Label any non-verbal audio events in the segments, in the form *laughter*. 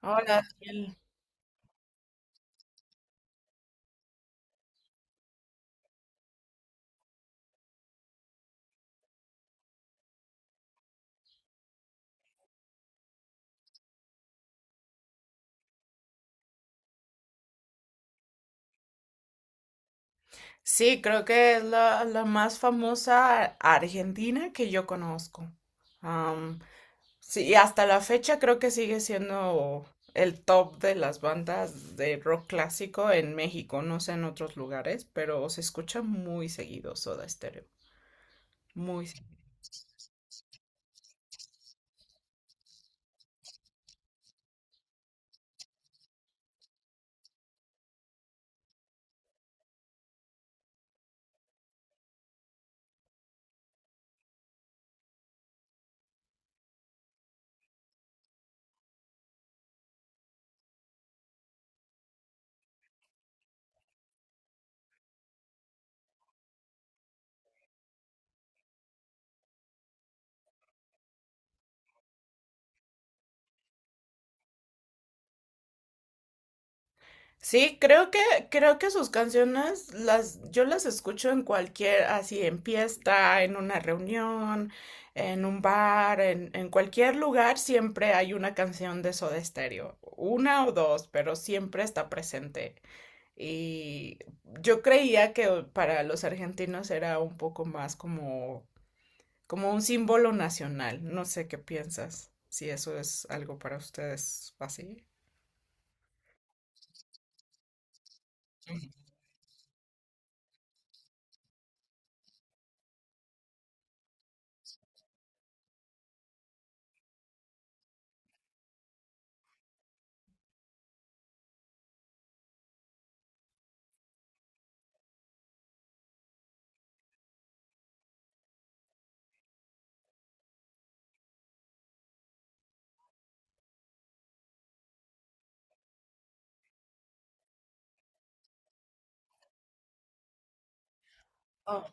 Hola, Ciel. Sí, creo que es la más famosa argentina que yo conozco. Am, sí, y hasta la fecha creo que sigue siendo el top de las bandas de rock clásico en México, no sé en otros lugares, pero se escucha muy seguido Soda Stereo, muy seguido. Sí, creo que sus canciones las, yo las escucho en cualquier, así en fiesta, en una reunión, en un bar, en cualquier lugar siempre hay una canción de Soda Stereo, una o dos, pero siempre está presente. Y yo creía que para los argentinos era un poco más como un símbolo nacional. No sé qué piensas, si eso es algo para ustedes así. Oh.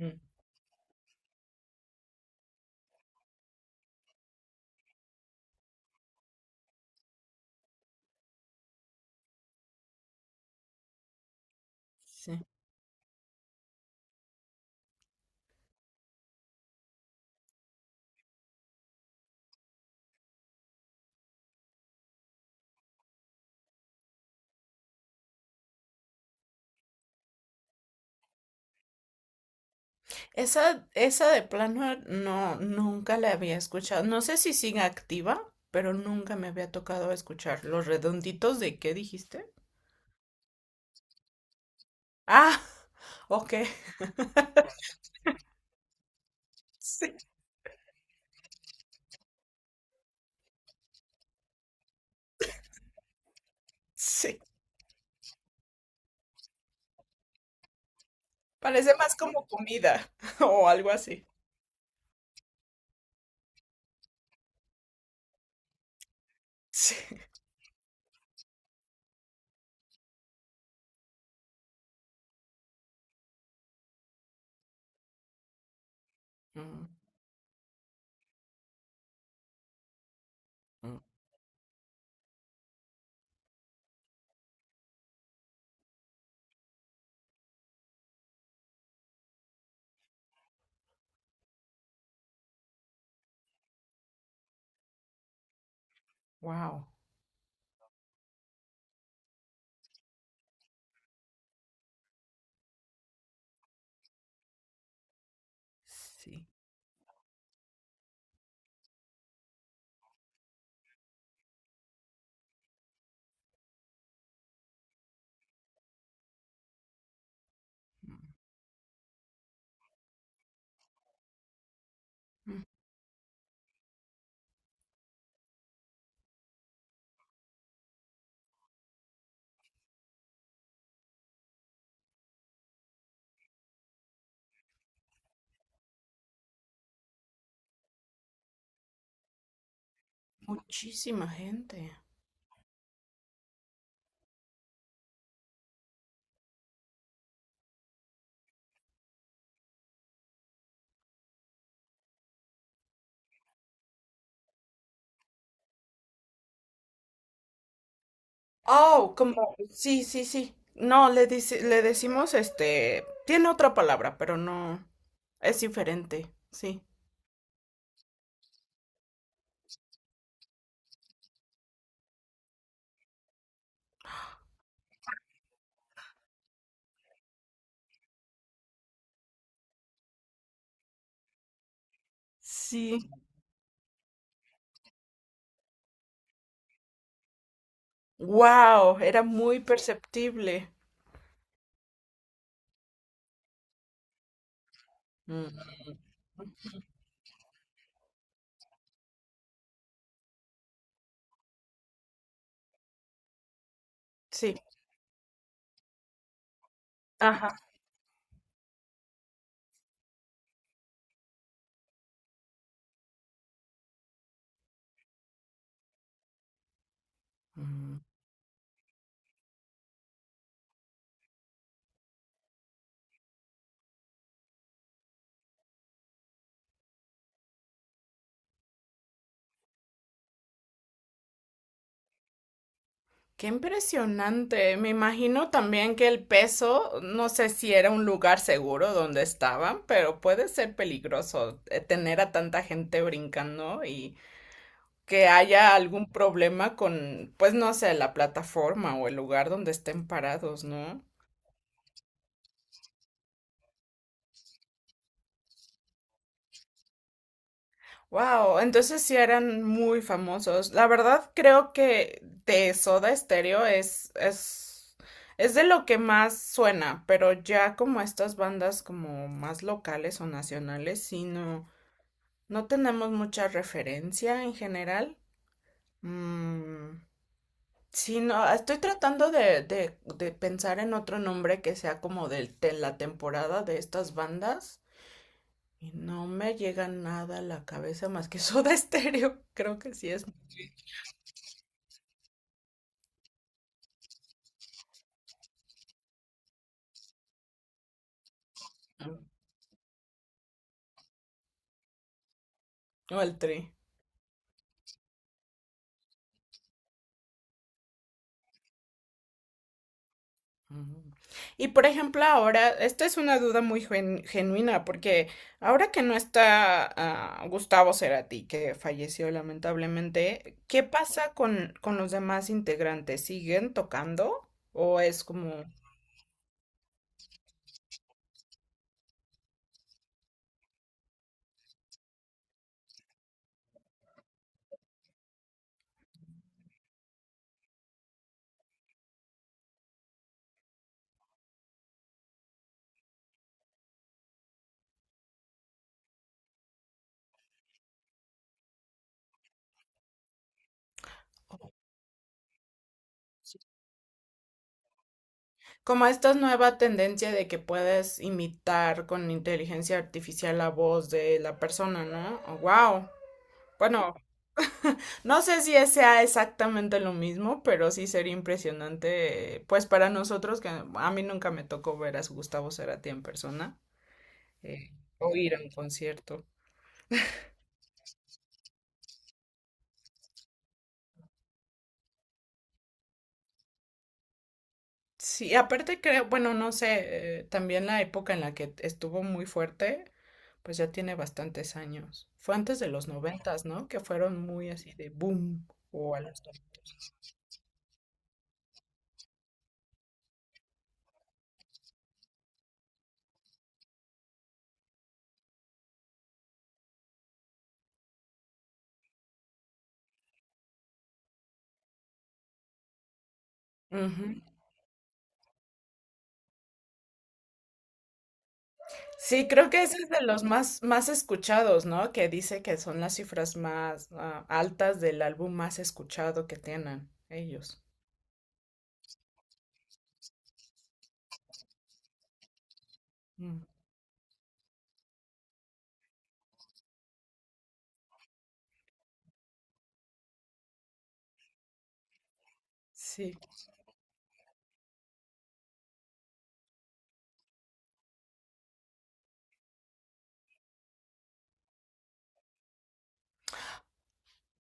Mm. Sí. Esa de plano no, nunca la había escuchado. No sé si sigue activa, pero nunca me había tocado escuchar. ¿Los redonditos de qué dijiste? Ah, *laughs* ok. Sí, sí. Parece más como comida *laughs* o algo así. Sí. Wow. Sí. Muchísima gente. Oh, como, sí, sí, sí. No, le dice, le decimos este, tiene otra palabra, pero no, es diferente, sí. Sí. Wow, era muy perceptible. Mm. Sí. Ajá. Mm. Qué impresionante. Me imagino también que el peso, no sé si era un lugar seguro donde estaban, pero puede ser peligroso tener a tanta gente brincando y que haya algún problema con, pues no sé, la plataforma o el lugar donde estén parados, ¿no? Wow, entonces sí eran muy famosos. La verdad creo que de Soda Stereo es de lo que más suena, pero ya como estas bandas como más locales o nacionales, sí no, no tenemos mucha referencia en general. Mm, sí, no, estoy tratando de pensar en otro nombre que sea como de la temporada de estas bandas. Y no me llega nada a la cabeza más que Soda Stereo. *laughs* Creo que sí es. Mm. O al tri. Ujú. Y por ejemplo, ahora, esta es una duda muy genuina, porque ahora que no está Gustavo Cerati, que falleció lamentablemente, ¿qué pasa con los demás integrantes? ¿Siguen tocando? ¿O es como esta nueva tendencia de que puedes imitar con inteligencia artificial la voz de la persona, ¿no? Wow. Bueno, no sé si sea exactamente lo mismo, pero sí sería impresionante, pues para nosotros, que a mí nunca me tocó ver a Gustavo Cerati en persona, eh, o ir a un concierto. Sí, aparte creo, bueno, no sé, también la época en la que estuvo muy fuerte, pues ya tiene bastantes años. Fue antes de los noventas, ¿no? Que fueron muy así de boom o a los dos. Sí, creo que ese es de los más, más escuchados, ¿no? Que dice que son las cifras más altas del álbum más escuchado que tienen ellos. Mm, sí,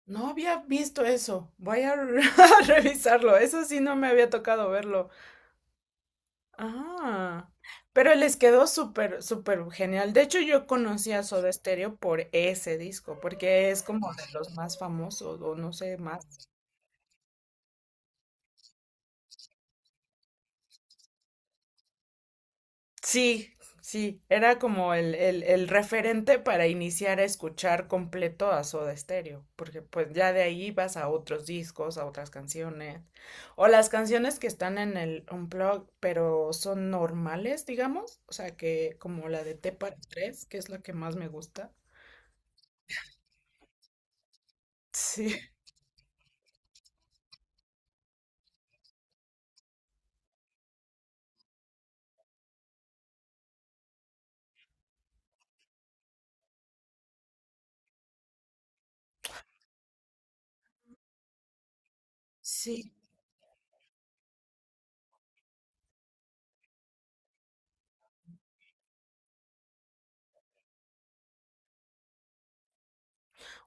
no había visto eso. Voy a *laughs* a revisarlo. Eso sí no me había tocado verlo. Ah, pero les quedó súper, súper genial. De hecho, yo conocí a Soda Stereo por ese disco, porque es como de los más famosos, o no sé, más. Sí, sí, era como el referente para iniciar a escuchar completo a Soda Stereo, porque pues ya de ahí vas a otros discos, a otras canciones, o las canciones que están en el Unplugged, pero son normales, digamos, o sea que como la de Tepa 3, que es la que más me gusta. Sí. Sí.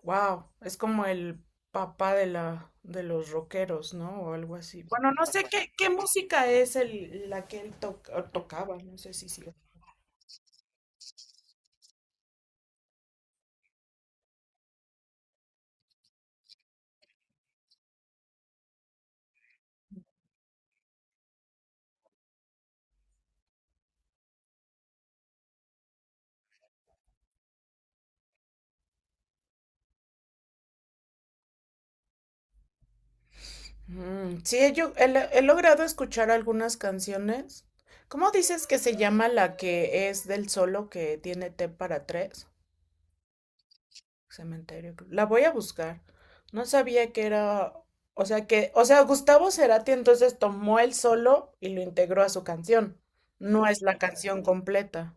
Wow, es como el papá de la de los rockeros, ¿no? O algo así. Bueno, no sé qué música es el, la que él o tocaba, no sé si sí. Mm, sí, he, yo- he le- he logrado escuchar algunas canciones. ¿Cómo dices que se llama la que es del solo que tiene T para tres? Cementerio. Cruz. La voy a buscar. No sabía que era, o sea que, o sea, Gustavo Cerati entonces tomó el solo y lo integró a su canción. No es la canción completa.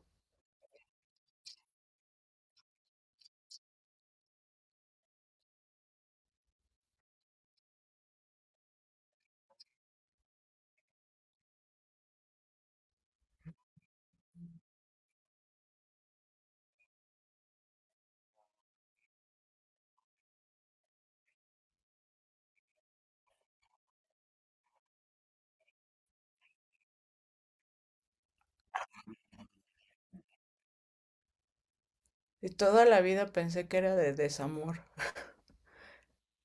Y toda la vida pensé que era de desamor.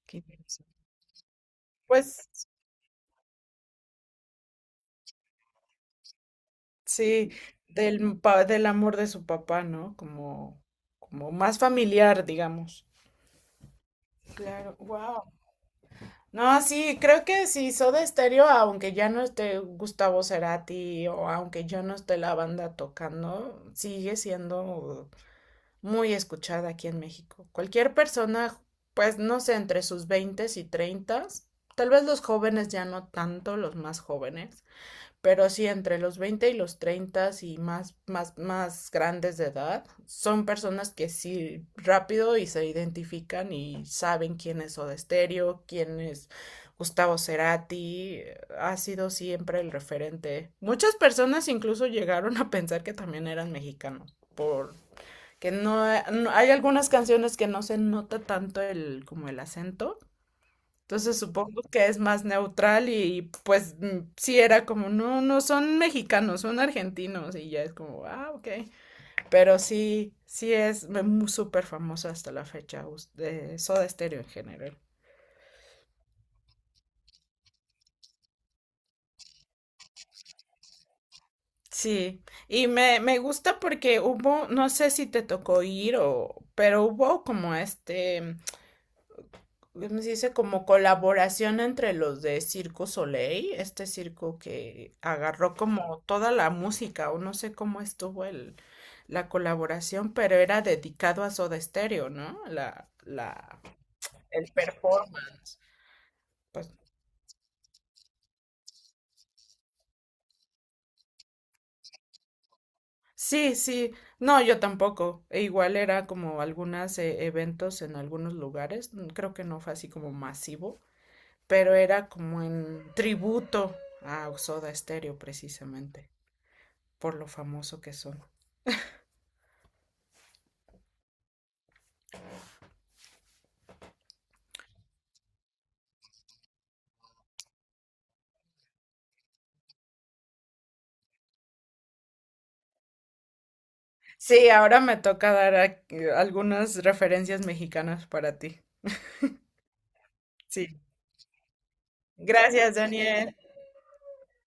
que- Pues sí, del amor de su papá, ¿no? Como más familiar, digamos. Claro, wow. No, sí, creo que sí, Soda Stereo, aunque ya no esté Gustavo Cerati o aunque ya no esté la banda tocando, sigue siendo muy escuchada aquí en México. Cualquier persona, pues no sé, entre sus veintes y treintas, tal vez los jóvenes ya no tanto, los más jóvenes. Pero sí, entre los 20 y los 30 y más, más, más grandes de edad, son personas que sí rápido y se identifican y saben quién es Soda Stereo, quién es Gustavo Cerati, ha sido siempre el referente. Muchas personas incluso llegaron a pensar que también eran mexicanos, por que no, hay algunas canciones que no se nota tanto el como el acento, entonces supongo que es más neutral y pues sí era como, no, no son mexicanos, son argentinos y ya es como, ok. Pero sí, sí es muy súper famosa hasta la fecha de Soda Stereo en general. Sí, y me gusta porque hubo, no sé si te tocó ir o, pero hubo como este, ¿cómo se dice? Como colaboración entre los de Circo Soleil, este circo que agarró como toda la música, o no sé cómo estuvo el, la colaboración, pero era dedicado a Soda Stereo, ¿no? El performance. Pues, sí, sí, no, yo tampoco. E igual era como algunos eventos en algunos lugares, creo que no fue así como masivo, pero era como en tributo a Soda Stereo precisamente, por lo famoso que son. Sí, ahora me toca dar algunas referencias mexicanas para ti. Sí. Gracias, Daniel.